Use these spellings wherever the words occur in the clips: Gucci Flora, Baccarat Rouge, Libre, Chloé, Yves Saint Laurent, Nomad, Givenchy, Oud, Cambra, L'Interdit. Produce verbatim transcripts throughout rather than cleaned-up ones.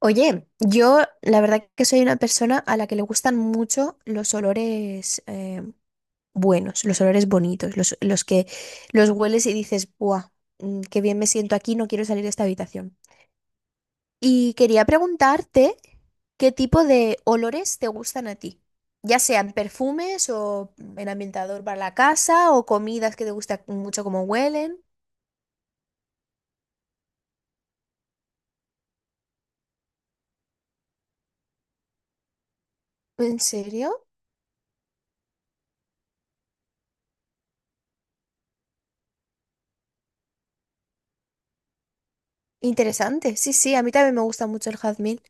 Oye, yo la verdad que soy una persona a la que le gustan mucho los olores eh, buenos, los olores bonitos, los, los que los hueles y dices, ¡buah! mm, Qué bien me siento aquí, no quiero salir de esta habitación. Y quería preguntarte qué tipo de olores te gustan a ti, ya sean perfumes o el ambientador para la casa o comidas que te gusta mucho como huelen. ¿En serio? Interesante. Sí, sí, a mí también me gusta mucho el jazmín.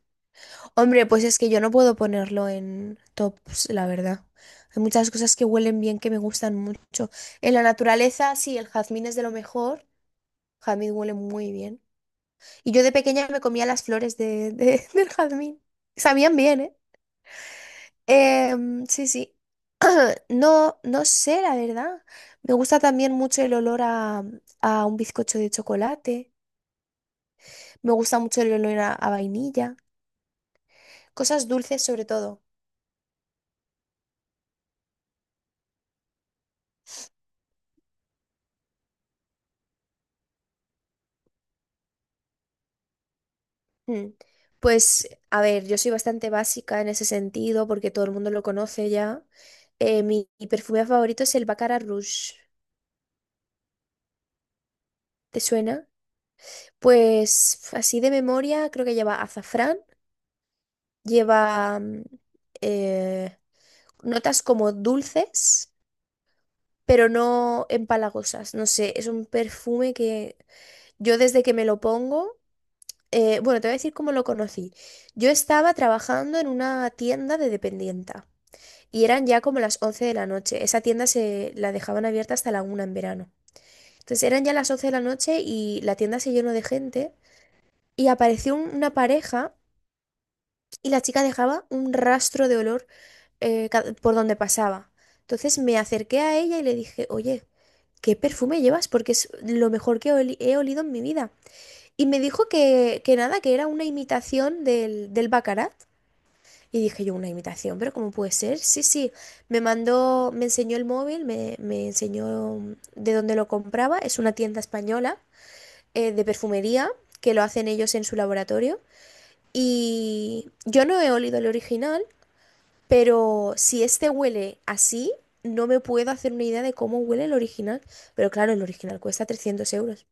Hombre, pues es que yo no puedo ponerlo en tops, la verdad. Hay muchas cosas que huelen bien que me gustan mucho. En la naturaleza, sí, el jazmín es de lo mejor. Jazmín huele muy bien. Y yo de pequeña me comía las flores de, de- del jazmín. Sabían bien, ¿eh? Em, sí, sí. No, no sé, la verdad. Me gusta también mucho el olor a, a un bizcocho de chocolate. Me gusta mucho el olor a a vainilla. Cosas dulces sobre todo. Mm. Pues, a ver, yo soy bastante básica en ese sentido porque todo el mundo lo conoce ya. Eh, mi, mi perfume favorito es el Baccarat Rouge. ¿Te suena? Pues, así de memoria, creo que lleva azafrán, lleva mm, eh, notas como dulces, pero no empalagosas. No sé, es un perfume que yo desde que me lo pongo, eh, bueno, te voy a decir cómo lo conocí. Yo estaba trabajando en una tienda de dependienta. Y eran ya como las once de la noche. Esa tienda se la dejaban abierta hasta la una en verano. Entonces eran ya las once de la noche y la tienda se llenó de gente y apareció un- una pareja y la chica dejaba un rastro de olor eh, ca- por donde pasaba. Entonces me acerqué a ella y le dije, oye, ¿qué perfume llevas? Porque es lo mejor que oli- he olido en mi vida. Y me dijo que, que nada, que era una imitación del, del Baccarat. Y dije yo, una imitación, pero ¿cómo puede ser? Sí, sí, me mandó, me enseñó el móvil, me, me enseñó de dónde lo compraba. Es una tienda española eh, de perfumería que lo hacen ellos en su laboratorio. Y yo no he olido el original, pero si este huele así, no me puedo hacer una idea de cómo huele el original. Pero claro, el original cuesta trescientos euros.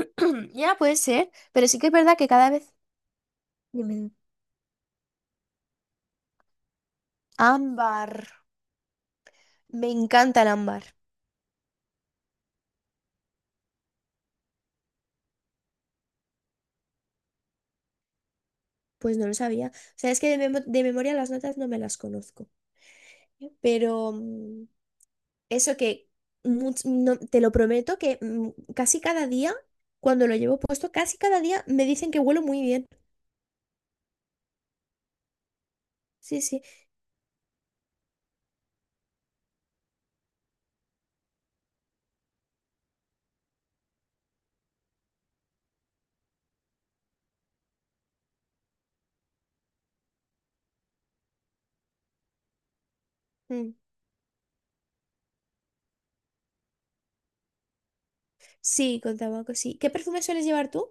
Ya puede ser, pero sí que es verdad que cada vez... Dime. Ámbar. Me encanta el ámbar. Pues no lo sabía. O sea, es que de, memo- de memoria las notas no me las conozco. Pero mm, eso que much- no- te lo prometo que mm, casi cada día, cuando lo llevo puesto, casi cada día me dicen que huelo muy bien. Sí, sí. Mm. Sí, con tabaco, sí. ¿Qué perfume sueles llevar tú?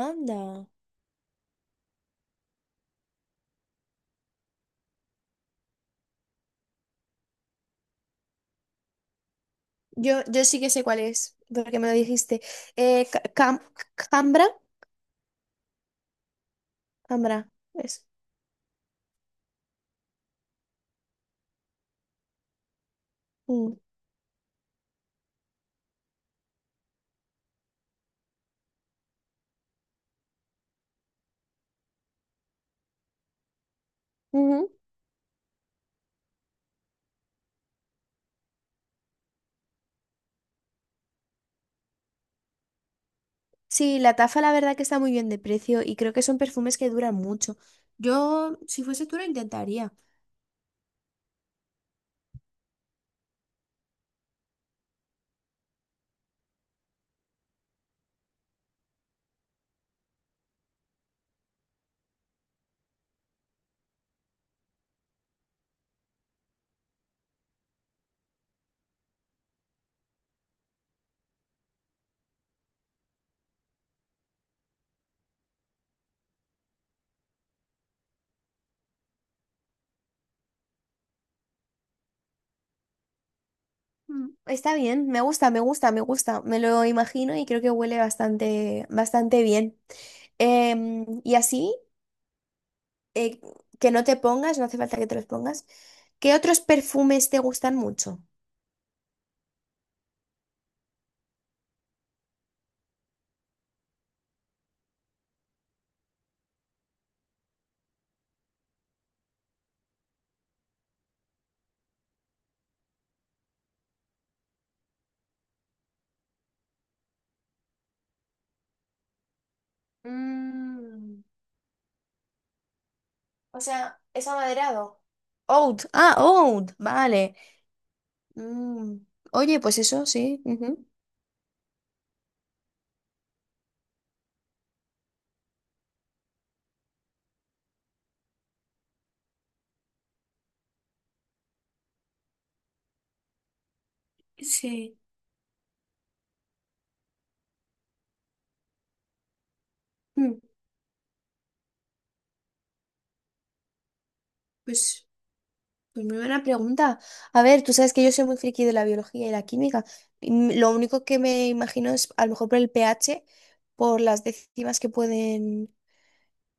Anda. Yo, yo sí que sé cuál es, porque me lo dijiste. Eh, ca- cam- Cambra. Cambra. Es. Mm. Ujú. Sí, la tafa la verdad que está muy bien de precio y creo que son perfumes que duran mucho. Yo, si fuese tú, lo intentaría. Mm, está bien, me gusta, me gusta, me gusta. Me lo imagino y creo que huele bastante, bastante bien. Em, y así, eh, que no te pongas, no hace falta que te los pongas. ¿Qué otros perfumes te gustan mucho? Mm, o sea, es amaderado. Oud, ah, oud, vale. Mm, oye, pues eso, sí. Ujú. Sí, mm, pues. Pues muy buena pregunta. A ver, tú sabes que yo soy muy friki de la biología y la química. Mm, lo único que me imagino es a lo mejor por el pH, por las décimas que pueden,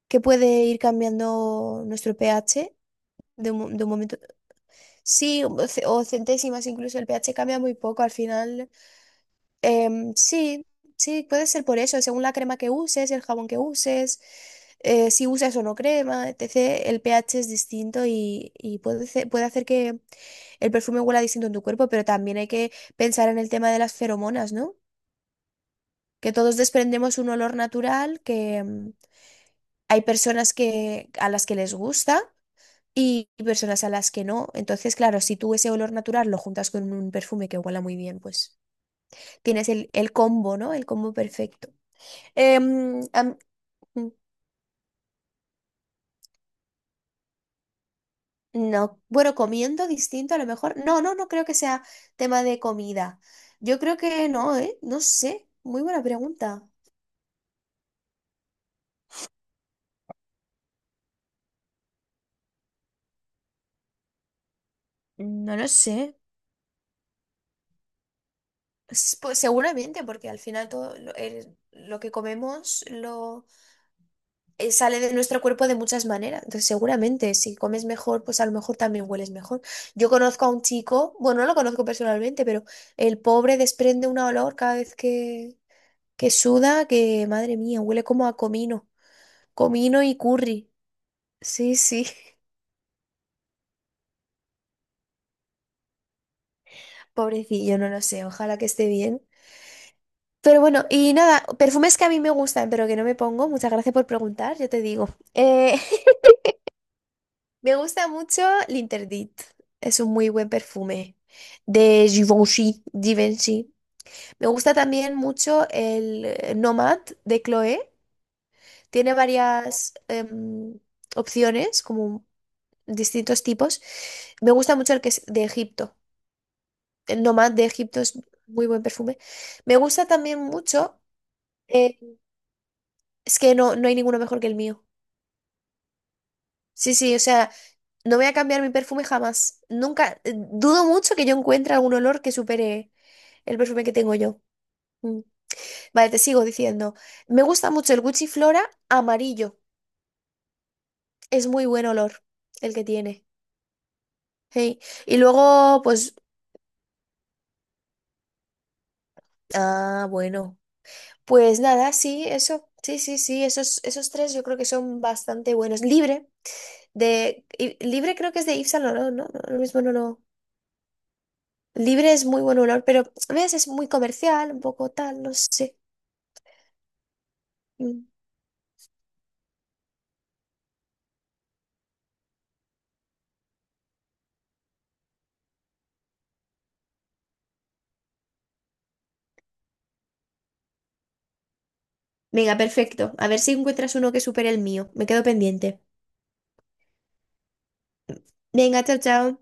que puede ir cambiando nuestro pH de un, mo- de un momento. Sí, o ce- o centésimas, incluso el pH cambia muy poco al final. Em, sí, sí, puede ser por eso, según la crema que uses, el jabón que uses, eh, si usas o no crema, etcétera. El pH es distinto y, y puede, ce- puede hacer que el perfume huela distinto en tu cuerpo, pero también hay que pensar en el tema de las feromonas, ¿no? Que todos desprendemos un olor natural, que mm, hay personas que, a las que les gusta y personas a las que no. Entonces, claro, si tú ese olor natural lo juntas con un perfume que huela muy bien, pues tienes el, el combo, ¿no? El combo perfecto. Em, am- mm, no, bueno, comiendo distinto a lo mejor. No, no, no creo que sea tema de comida. Yo creo que no, ¿eh? No sé. Muy buena pregunta. No lo sé. S- Pues seguramente, porque al final todo lo, el- lo que comemos lo eh, sale de nuestro cuerpo de muchas maneras. Entonces, seguramente, si comes mejor, pues a lo mejor también hueles mejor. Yo conozco a un chico, bueno, no lo conozco personalmente, pero el pobre desprende un olor cada vez que, que suda, que madre mía, huele como a comino, comino y curry. Sí, sí, pobrecillo, no lo sé, ojalá que esté bien. Pero bueno, y nada, perfumes que a mí me gustan, pero que no me pongo. Muchas gracias por preguntar, yo te digo. Eh, Me gusta mucho L'Interdit. Es un muy buen perfume de Givenchy, Givenchy. Me gusta también mucho el eh, Nomad de Chloé. Tiene varias em, opciones, como distintos tipos. Me gusta mucho el que es de Egipto. El Nomad de Egipto es muy buen perfume. Me gusta también mucho. eh, es que no, no hay ninguno mejor que el mío. Sí, sí, o sea, no voy a cambiar mi perfume jamás. Nunca, eh, dudo mucho que yo encuentre algún olor que supere el perfume que tengo yo. Mm. Vale, te sigo diciendo. Me gusta mucho el Gucci Flora amarillo. Es muy buen olor el que tiene. Hey. Y luego, pues, ah, bueno. Pues nada, sí, eso. Sí, sí, sí, esos, esos tres yo creo que son bastante buenos. Libre, de, y- Libre creo que es de Yves Saint Laurent, ¿no? No, lo mismo no lo... Libre es muy buen olor, pero a veces es muy comercial, un poco tal, no sé. Mm. Venga, perfecto. A ver si encuentras uno que supere el mío. Me quedo pendiente. Venga, chao, chao.